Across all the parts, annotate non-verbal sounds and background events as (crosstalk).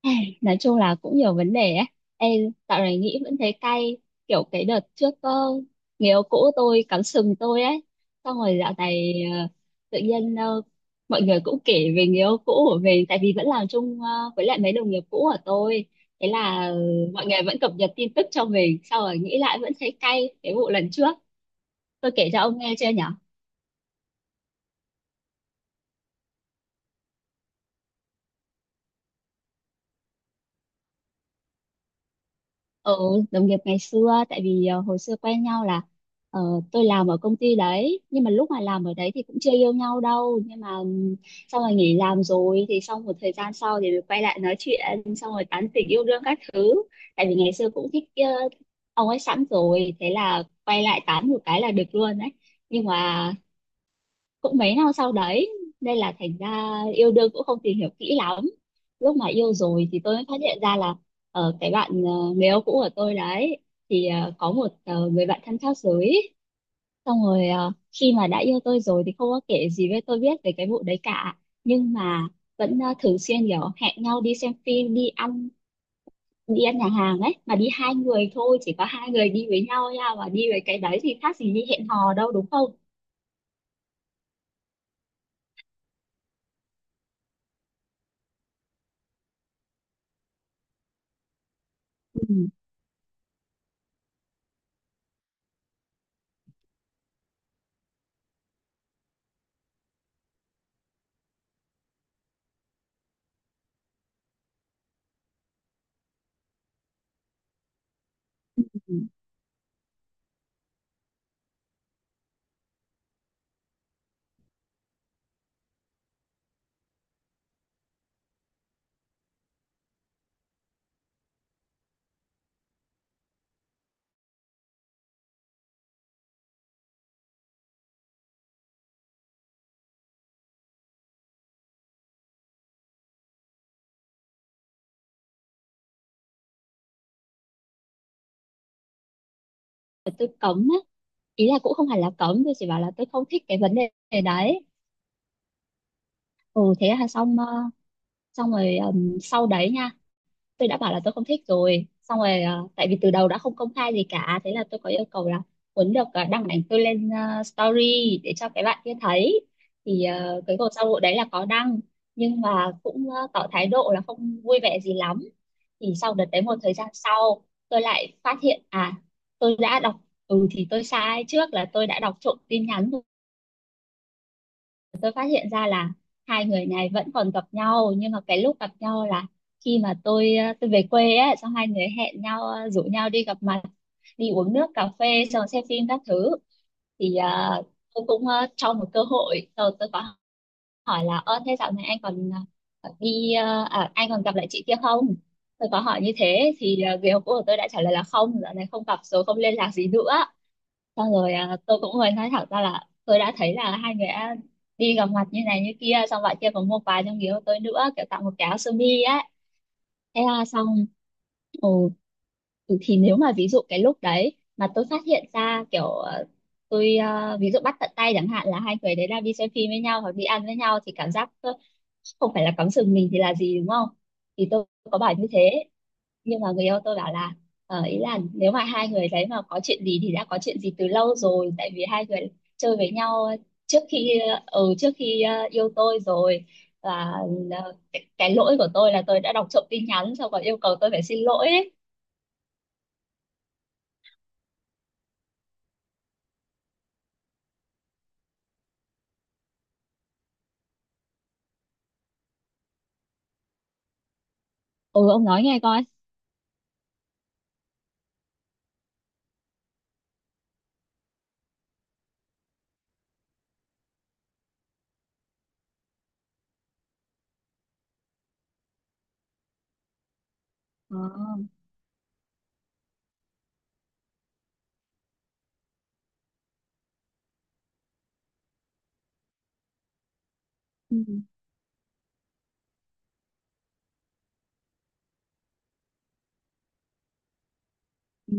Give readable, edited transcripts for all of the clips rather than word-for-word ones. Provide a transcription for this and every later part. Ai, nói chung là cũng nhiều vấn đề ấy. Ê, dạo này nghĩ vẫn thấy cay, kiểu cái đợt trước người yêu cũ tôi cắm sừng tôi ấy. Xong rồi dạo này tự nhiên mọi người cũng kể về người yêu cũ của mình, tại vì vẫn làm chung với lại mấy đồng nghiệp cũ của tôi, thế là mọi người vẫn cập nhật tin tức cho mình, sau rồi nghĩ lại vẫn thấy cay cái vụ lần trước. Tôi kể cho ông nghe chưa nhỉ? Ừ đồng nghiệp ngày xưa, tại vì hồi xưa quen nhau là, ờ, tôi làm ở công ty đấy, nhưng mà lúc mà làm ở đấy thì cũng chưa yêu nhau đâu, nhưng mà xong rồi nghỉ làm rồi thì xong một thời gian sau thì mới quay lại nói chuyện, xong rồi tán tỉnh yêu đương các thứ, tại vì ngày xưa cũng thích ông ấy sẵn rồi, thế là quay lại tán một cái là được luôn đấy. Nhưng mà cũng mấy năm sau đấy nên là thành ra yêu đương cũng không tìm hiểu kỹ lắm. Lúc mà yêu rồi thì tôi mới phát hiện ra là ở cái bạn người yêu cũ của tôi đấy thì có một người bạn thân khác giới. Xong rồi khi mà đã yêu tôi rồi thì không có kể gì với tôi biết về cái vụ đấy cả, nhưng mà vẫn thường xuyên kiểu hẹn nhau đi xem phim, đi ăn, đi ăn nhà hàng ấy, mà đi hai người thôi, chỉ có hai người đi với nhau nha, mà đi với cái đấy thì khác gì đi hẹn hò đâu, đúng không? Ừ. Ừ. Tôi cấm á, ý là cũng không hẳn là cấm, tôi chỉ bảo là tôi không thích cái vấn đề đấy. Ừ thế là xong, xong rồi sau đấy nha, tôi đã bảo là tôi không thích rồi, xong rồi tại vì từ đầu đã không công khai gì cả, thế là tôi có yêu cầu là muốn được đăng ảnh tôi lên story để cho cái bạn kia thấy. Thì cái cuộc sau vụ đấy là có đăng, nhưng mà cũng tỏ thái độ là không vui vẻ gì lắm. Thì sau đợt đấy một thời gian sau, tôi lại phát hiện à, tôi đã đọc, ừ thì tôi sai trước là tôi đã đọc trộm tin nhắn. Tôi phát hiện ra là hai người này vẫn còn gặp nhau, nhưng mà cái lúc gặp nhau là khi mà tôi về quê ấy, xong hai người hẹn nhau rủ nhau đi gặp mặt, đi uống nước cà phê, xong xem phim các thứ. Thì tôi cũng cho một cơ hội, rồi tôi có hỏi là, ơ thế dạo này anh còn ờ, ờ, đi ờ, à, anh còn gặp lại chị kia không? Tôi có hỏi như thế thì người yêu cũ của tôi đã trả lời là không, dạo này không gặp rồi, không liên lạc gì nữa. Xong rồi à, tôi cũng hơi nói thẳng ra là tôi đã thấy là hai người đã đi gặp mặt như này như kia, xong bạn kia còn mua quà trong người yêu tôi nữa, kiểu tặng một cái áo sơ mi ấy, thế là xong. Ồ, ừ, thì nếu mà ví dụ cái lúc đấy mà tôi phát hiện ra kiểu tôi ví dụ bắt tận tay chẳng hạn là hai người đấy đang đi xem phim với nhau hoặc đi ăn với nhau, thì cảm giác không phải là cắm sừng mình thì là gì, đúng không? Thì tôi có bảo như thế, nhưng mà người yêu tôi bảo là ý là nếu mà hai người đấy mà có chuyện gì thì đã có chuyện gì từ lâu rồi, tại vì hai người chơi với nhau trước khi yêu tôi rồi. Và cái lỗi của tôi là tôi đã đọc trộm tin nhắn, xong còn yêu cầu tôi phải xin lỗi ấy. Ừ ông nói nghe coi. Ờ. Ừ. Ừ.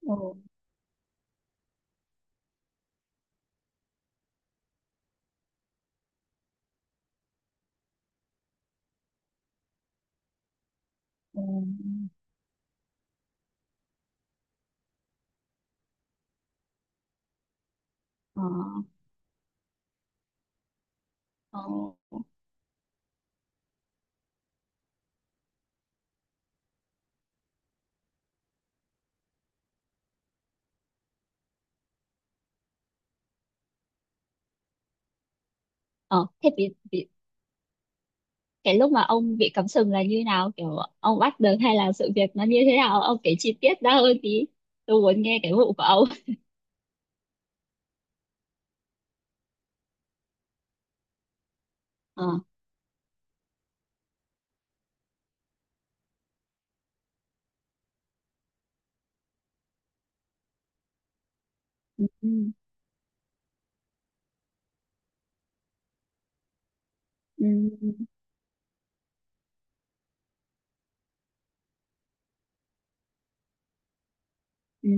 Ừ. Ừ. Ờ. Ờ. Ờ. Thế vì cái lúc mà ông bị cắm sừng là như nào, kiểu ông bắt được hay là sự việc nó như thế nào, ông kể chi tiết ra hơn tí, tôi muốn nghe cái vụ của ông. (laughs) Ờ. Ừ. Ừ. Ừ. Ừ.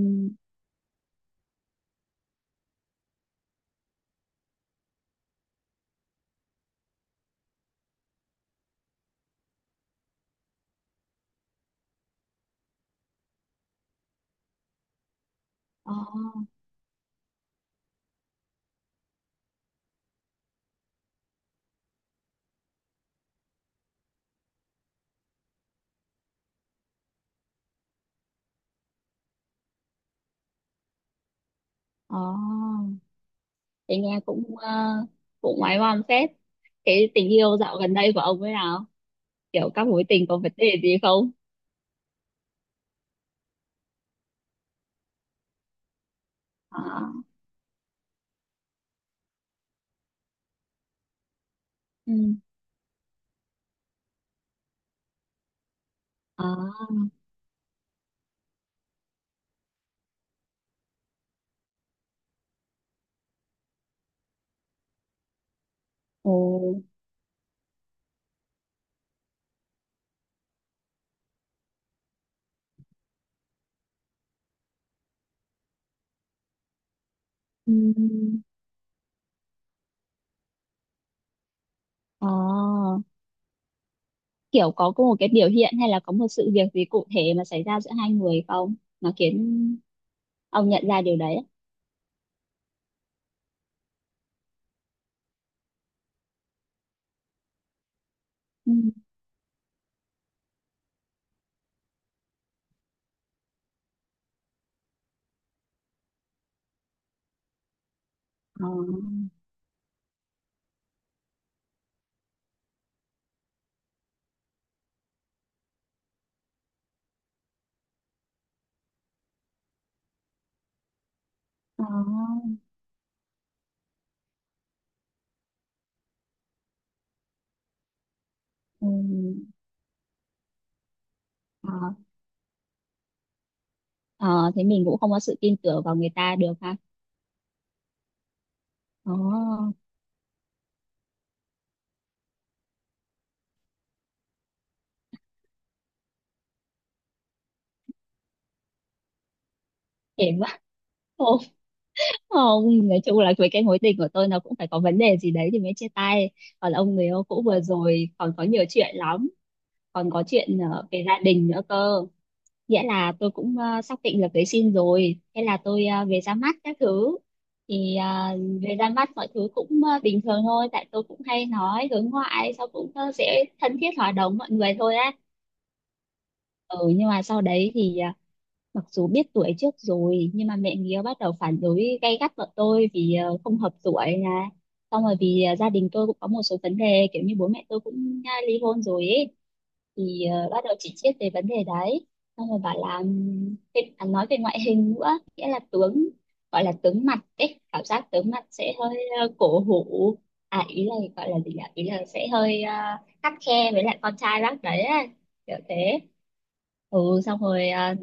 Ờ. Ờ. Thì nghe cũng cũng ngoái ngoăm phết. Cái tình yêu dạo gần đây của ông thế nào, kiểu các mối tình có vấn đề gì không? Ờ. Ừ. Ờ. Ồ. Ừ. Ờ. Kiểu có một cái biểu hiện hay là có một sự việc gì cụ thể mà xảy ra giữa hai người không, nó khiến ông nhận ra điều đấy á? Ừ. Ờ. Ờ. Ừ. Ờ. Ờ. Thế mình cũng không có sự tin tưởng vào người ta được ha. Ờ. Thế mà (laughs) không, không, nói chung là với cái mối tình của tôi nó cũng phải có vấn đề gì đấy thì mới chia tay. Còn ông, người yêu cũ vừa rồi còn có nhiều chuyện lắm, còn có chuyện về gia đình nữa cơ. Nghĩa là tôi cũng xác định là cưới xin rồi, thế là tôi về ra mắt các thứ. Thì về ra mắt mọi thứ cũng bình thường thôi, tại tôi cũng hay nói hướng ngoại, sau cũng sẽ thân thiết hòa đồng mọi người thôi á. Ừ nhưng mà sau đấy thì mặc dù biết tuổi trước rồi nhưng mà mẹ nghĩa bắt đầu phản đối gay gắt vợ tôi vì không hợp tuổi nè, xong rồi vì gia đình tôi cũng có một số vấn đề kiểu như bố mẹ tôi cũng ly hôn rồi ấy, thì bắt đầu chỉ triết về vấn đề đấy. Xong rồi bảo là nói về ngoại hình nữa, nghĩa là tướng, gọi là tướng mặt ấy, cảm giác tướng mặt sẽ hơi cổ hủ. À ý là gọi là gì nhỉ, ý là sẽ hơi khắt khe với lại con trai bác đấy ấy, kiểu thế. Ừ. xong rồi ờ,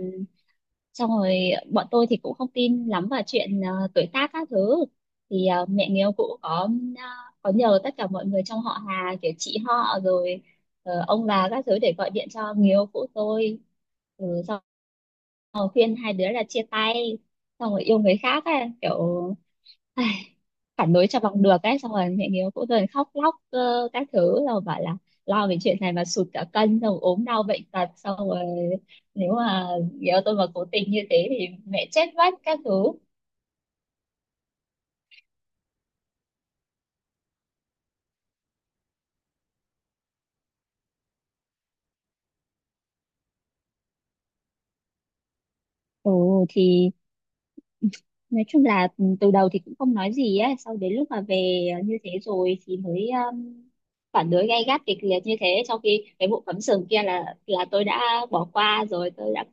xong rồi bọn tôi thì cũng không tin lắm vào chuyện tuổi tác các thứ, thì mẹ người yêu cũ ờ, có nhờ tất cả mọi người trong họ Hà, kiểu chị họ rồi ông bà các thứ để gọi điện cho người yêu cũ tôi. Ừ, xong rồi khuyên hai đứa là chia tay, xong rồi yêu người khác ấy, kiểu phản đối cho bằng được ấy, xong rồi mẹ hiếu cũng dần khóc lóc các thứ rồi bảo là lo về chuyện này mà sụt cả cân, xong rồi ốm đau bệnh tật, xong rồi nếu mà nếu tôi mà cố tình như thế thì mẹ chết mất các thứ. Ồ thì nói chung là ừ, từ đầu thì cũng không nói gì ấy, sau đến lúc mà về như thế rồi thì mới phản đối gay gắt kịch liệt như thế, trong khi cái vụ cắm sừng kia là tôi đã bỏ qua rồi,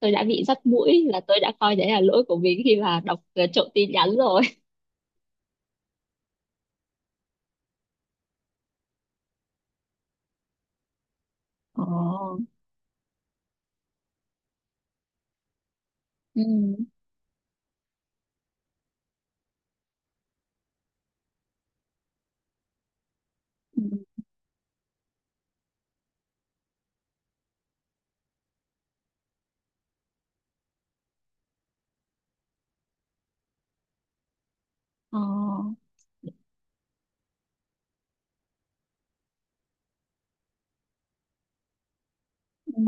tôi đã bị dắt mũi là tôi đã coi đấy là lỗi của mình khi mà đọc trộm tin nhắn rồi. Ồ. Ừ. Ừ. Ờ. Ừ.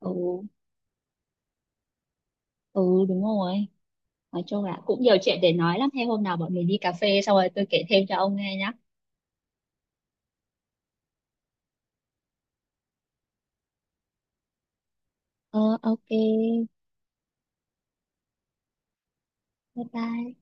Ừ. Ừ đúng rồi. Nói chung là cũng nhiều chuyện để nói lắm, thế hôm nào bọn mình đi cà phê xong rồi tôi kể thêm cho ông nghe nhá. Ờ ok. Bye bye.